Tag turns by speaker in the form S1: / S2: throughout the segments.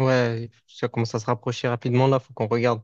S1: Ouais, ça commence à se rapprocher rapidement là, faut qu'on regarde.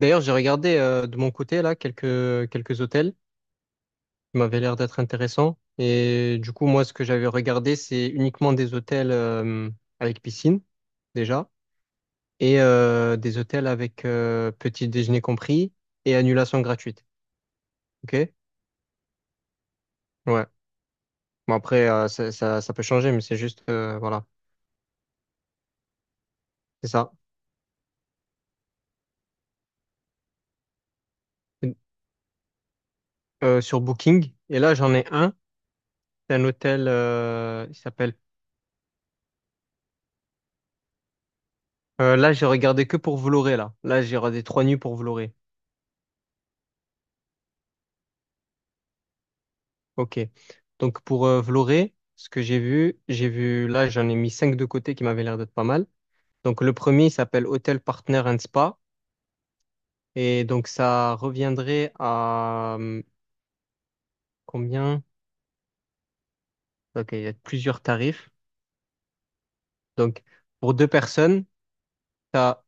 S1: D'ailleurs, j'ai regardé de mon côté là quelques hôtels qui m'avaient l'air d'être intéressants. Et du coup, moi, ce que j'avais regardé, c'est uniquement des hôtels avec piscine déjà et des hôtels avec petit déjeuner compris et annulation gratuite. Ok? Ouais. Bon après, ça peut changer, mais c'est juste voilà, c'est ça. Sur Booking. Et là, j'en ai un. C'est un hôtel il s'appelle. Là, j'ai regardé que pour Vloré, là. Là, j'ai regardé trois nuits pour Vloré. Ok. Donc, pour Vloré, ce que j'ai vu, là, j'en ai mis cinq de côté qui m'avaient l'air d'être pas mal. Donc, le premier il s'appelle Hotel Partner and Spa. Et donc, ça reviendrait à combien? Ok, il y a plusieurs tarifs. Donc, pour deux personnes, tu as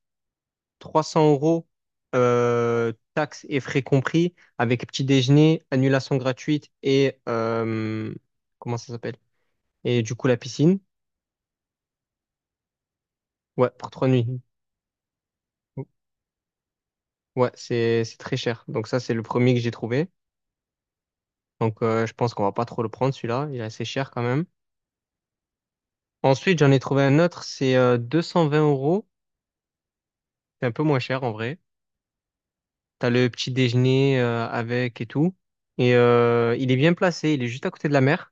S1: 300 € taxes et frais compris, avec petit déjeuner, annulation gratuite et, comment ça s'appelle? Et du coup, la piscine, ouais, pour trois nuits. Ouais, c'est très cher. Donc ça, c'est le premier que j'ai trouvé. Donc je pense qu'on va pas trop le prendre, celui-là. Il est assez cher quand même. Ensuite, j'en ai trouvé un autre, c'est 220 euros. C'est un peu moins cher en vrai. T'as le petit déjeuner avec et tout. Et il est bien placé, il est juste à côté de la mer.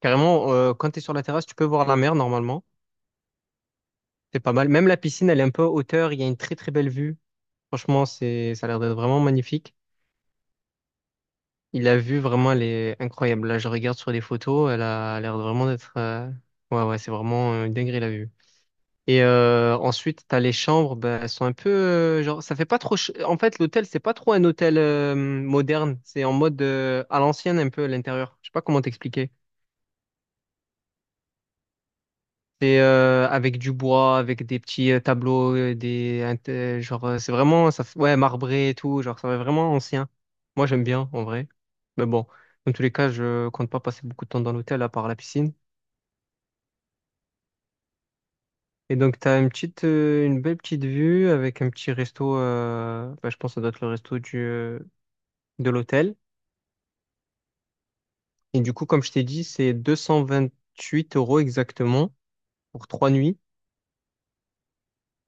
S1: Carrément, quand tu es sur la terrasse, tu peux voir la mer normalement. C'est pas mal. Même la piscine, elle est un peu à hauteur. Il y a une très très belle vue. Franchement, c'est ça a l'air d'être vraiment magnifique. Il a vu vraiment les incroyable. Là, je regarde sur les photos, elle a l'air vraiment d'être ouais, ouais, c'est vraiment une dinguerie la vue. Et ensuite, t'as les chambres, ben, elles sont un peu genre, ça fait pas trop en fait, l'hôtel, c'est pas trop un hôtel moderne. C'est en mode à l'ancienne un peu à l'intérieur. Je sais pas comment t'expliquer. C'est avec du bois, avec des petits tableaux, genre c'est vraiment ouais marbré et tout, genre ça fait vraiment ancien. Moi j'aime bien en vrai, mais bon, dans tous les cas je compte pas passer beaucoup de temps dans l'hôtel à part la piscine. Et donc t'as une belle petite vue avec un petit resto. Bah, je pense que ça doit être le resto du de l'hôtel. Et du coup comme je t'ai dit c'est 228 € exactement pour trois nuits.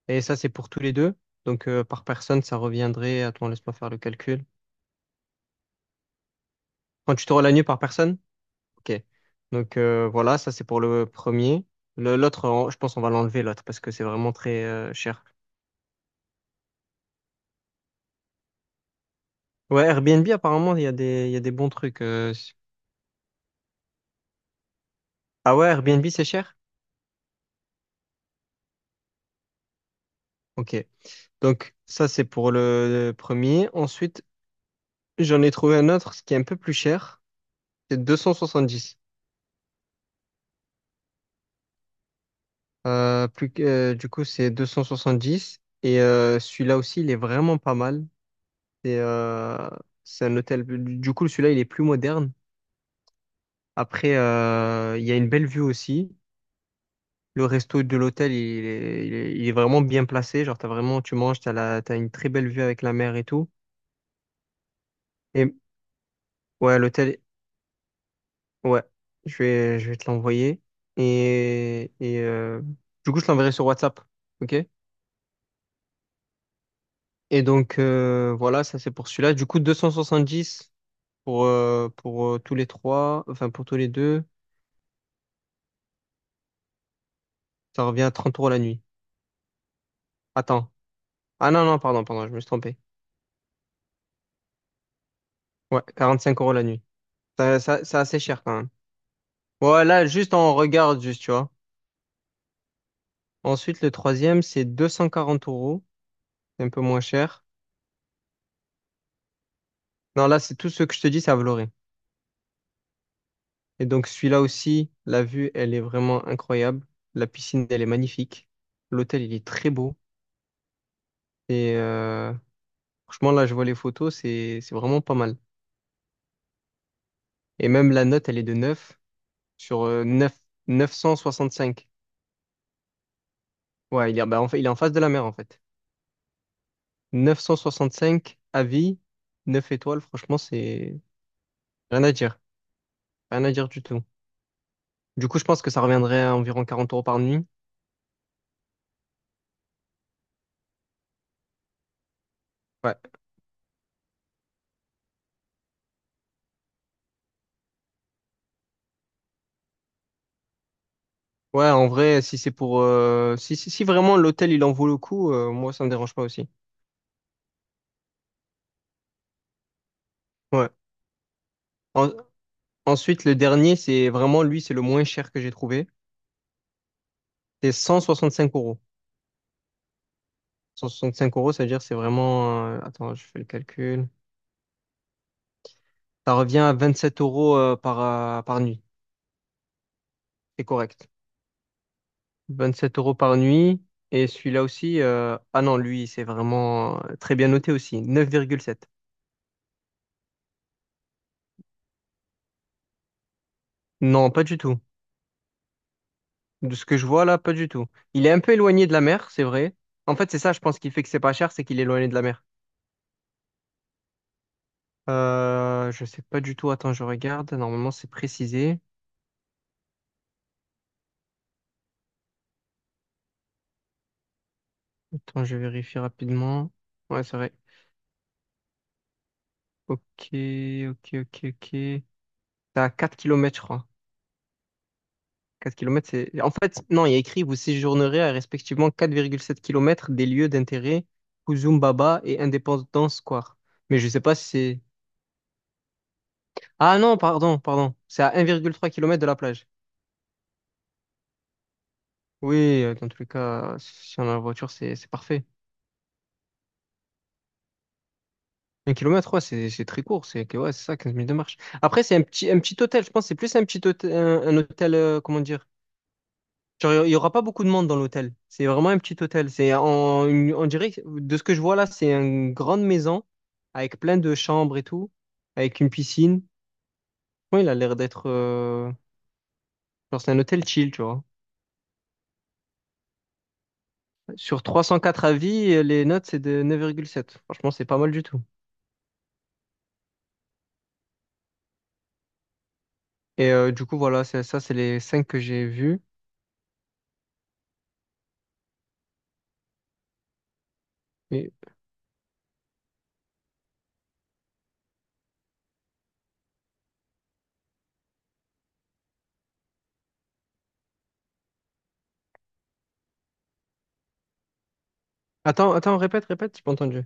S1: Et ça c'est pour tous les deux. Donc par personne ça reviendrait. Attends laisse-moi faire le calcul. Quand tu te rends la nuit par personne? Ok. Donc voilà, ça c'est pour le premier. L'autre, je pense on va l'enlever l'autre parce que c'est vraiment très cher. Ouais, Airbnb apparemment il y a des bons trucs. Ah ouais, Airbnb c'est cher? Ok. Donc ça c'est pour le premier. Ensuite, j'en ai trouvé un autre, ce qui est un peu plus cher. C'est 270. Du coup c'est deux cent soixante-dix. Et celui-là aussi il est vraiment pas mal. C'est euh, c'est un hôtel. Du coup celui-là il est plus moderne. Après, il y a une belle vue aussi. Le resto de l'hôtel, il est vraiment bien placé. Genre, t'as vraiment, tu manges, t'as une très belle vue avec la mer et tout. Et ouais, l'hôtel, ouais, je vais te l'envoyer. Et, et euh, du coup, je l'enverrai sur WhatsApp. OK? Et donc, voilà, ça c'est pour celui-là. Du coup, 270 pour, tous les trois, enfin pour tous les deux, ça revient à 30 euros la nuit. Attends. Ah non, non, pardon, pardon, je me suis trompé. Ouais, 45 euros la nuit. C'est assez cher quand même. Ouais, là juste on regarde, juste, tu vois. Ensuite, le troisième, c'est 240 euros. C'est un peu moins cher. Non, là, c'est tout ce que je te dis, c'est à Vloré. Et donc, celui-là aussi, la vue, elle est vraiment incroyable. La piscine, elle est magnifique. L'hôtel, il est très beau. Et franchement, là, je vois les photos, c'est vraiment pas mal. Et même la note, elle est de 9 sur 9, 965. Ouais, il est, bah, en fait, il est en face de la mer, en fait. 965 avis, 9 étoiles, franchement, c'est. Rien à dire. Rien à dire du tout. Du coup, je pense que ça reviendrait à environ quarante euros par nuit. Ouais. Ouais, en vrai, si c'est pour si, si vraiment l'hôtel, il en vaut le coup, moi, ça me dérange pas aussi. Ouais. En- Ensuite, le dernier, c'est vraiment, lui, c'est le moins cher que j'ai trouvé. C'est 165 euros. 165 euros, ça veut dire c'est vraiment attends, je fais le calcul. Ça revient à 27 euros par nuit. C'est correct. 27 euros par nuit. Et celui-là aussi ah non, lui, c'est vraiment très bien noté aussi. Neuf virgule sept. Non, pas du tout. De ce que je vois là, pas du tout. Il est un peu éloigné de la mer, c'est vrai. En fait, c'est ça, je pense, qui fait que c'est pas cher, c'est qu'il est éloigné de la mer. Je sais pas du tout. Attends, je regarde. Normalement, c'est précisé. Attends, je vérifie rapidement. Ouais, c'est vrai. Ok, ok, ok, ok. C'est à 4 kilomètres, je crois. 4 kilomètres, c'est. En fait, non, il y a écrit, vous séjournerez à respectivement quatre virgule sept kilomètres des lieux d'intérêt, Kuzumbaba et Independence Square. Mais je sais pas si c'est. Ah non, pardon, pardon. C'est à 1,3 km de la plage. Oui, dans tous les cas, si on a la voiture, c'est parfait. Un kilomètre, ouais, c'est très court. Ouais, c'est ça, 15 minutes de marche. Après, un petit hôtel. Je pense que c'est plus un petit hôtel, un hôtel, comment dire? Genre, il y aura pas beaucoup de monde dans l'hôtel. C'est vraiment un petit hôtel. C'est en, une- on dirait, que- De ce que je vois là, c'est une grande maison avec plein de chambres et tout, avec une piscine. Ouais, il a l'air d'être, genre, c'est un hôtel chill, tu vois. Sur 304 avis, les notes, c'est de neuf virgule sept. Franchement, c'est pas mal du tout. Et du coup, voilà, c'est ça, c'est les 5 que j'ai vus. Et... Attends, attends, répète, répète, j'ai pas entendu.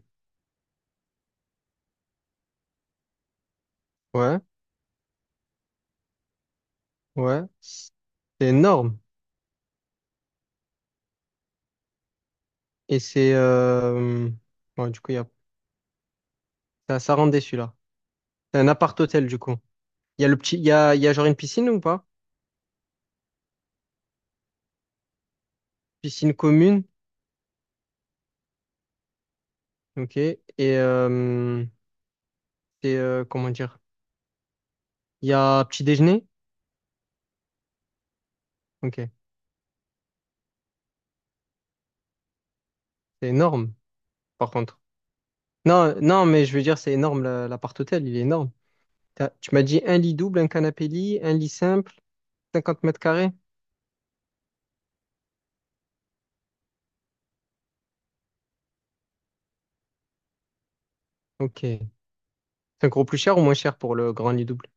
S1: Ouais, ouais, c'est énorme. Et c'est... ouais, du coup, il y a... ça rend déçu, là. C'est un appart-hôtel, du coup. Il y a le petit... il y a genre une piscine ou pas? Piscine commune, ok. Et euh, c'est... comment dire? Il y a petit déjeuner, ok. C'est énorme, par contre. Non, non, mais je veux dire, c'est énorme, l'appart-hôtel, il est énorme. Tu m'as dit un lit double, un canapé lit, un lit simple, 50 mètres carrés? Ok. C'est encore plus cher ou moins cher pour le grand lit double?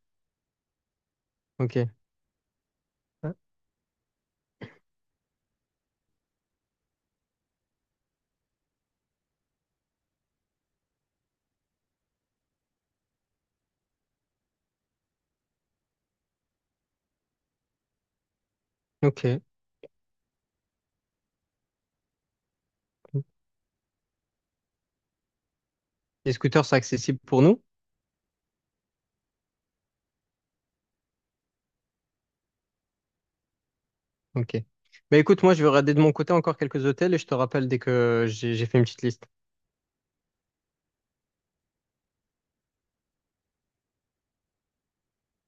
S1: Ok. Ah, ok. Les scooters, c'est accessible pour nous? Ok. Mais écoute, moi, je vais regarder de mon côté encore quelques hôtels et je te rappelle dès que j'ai fait une petite liste.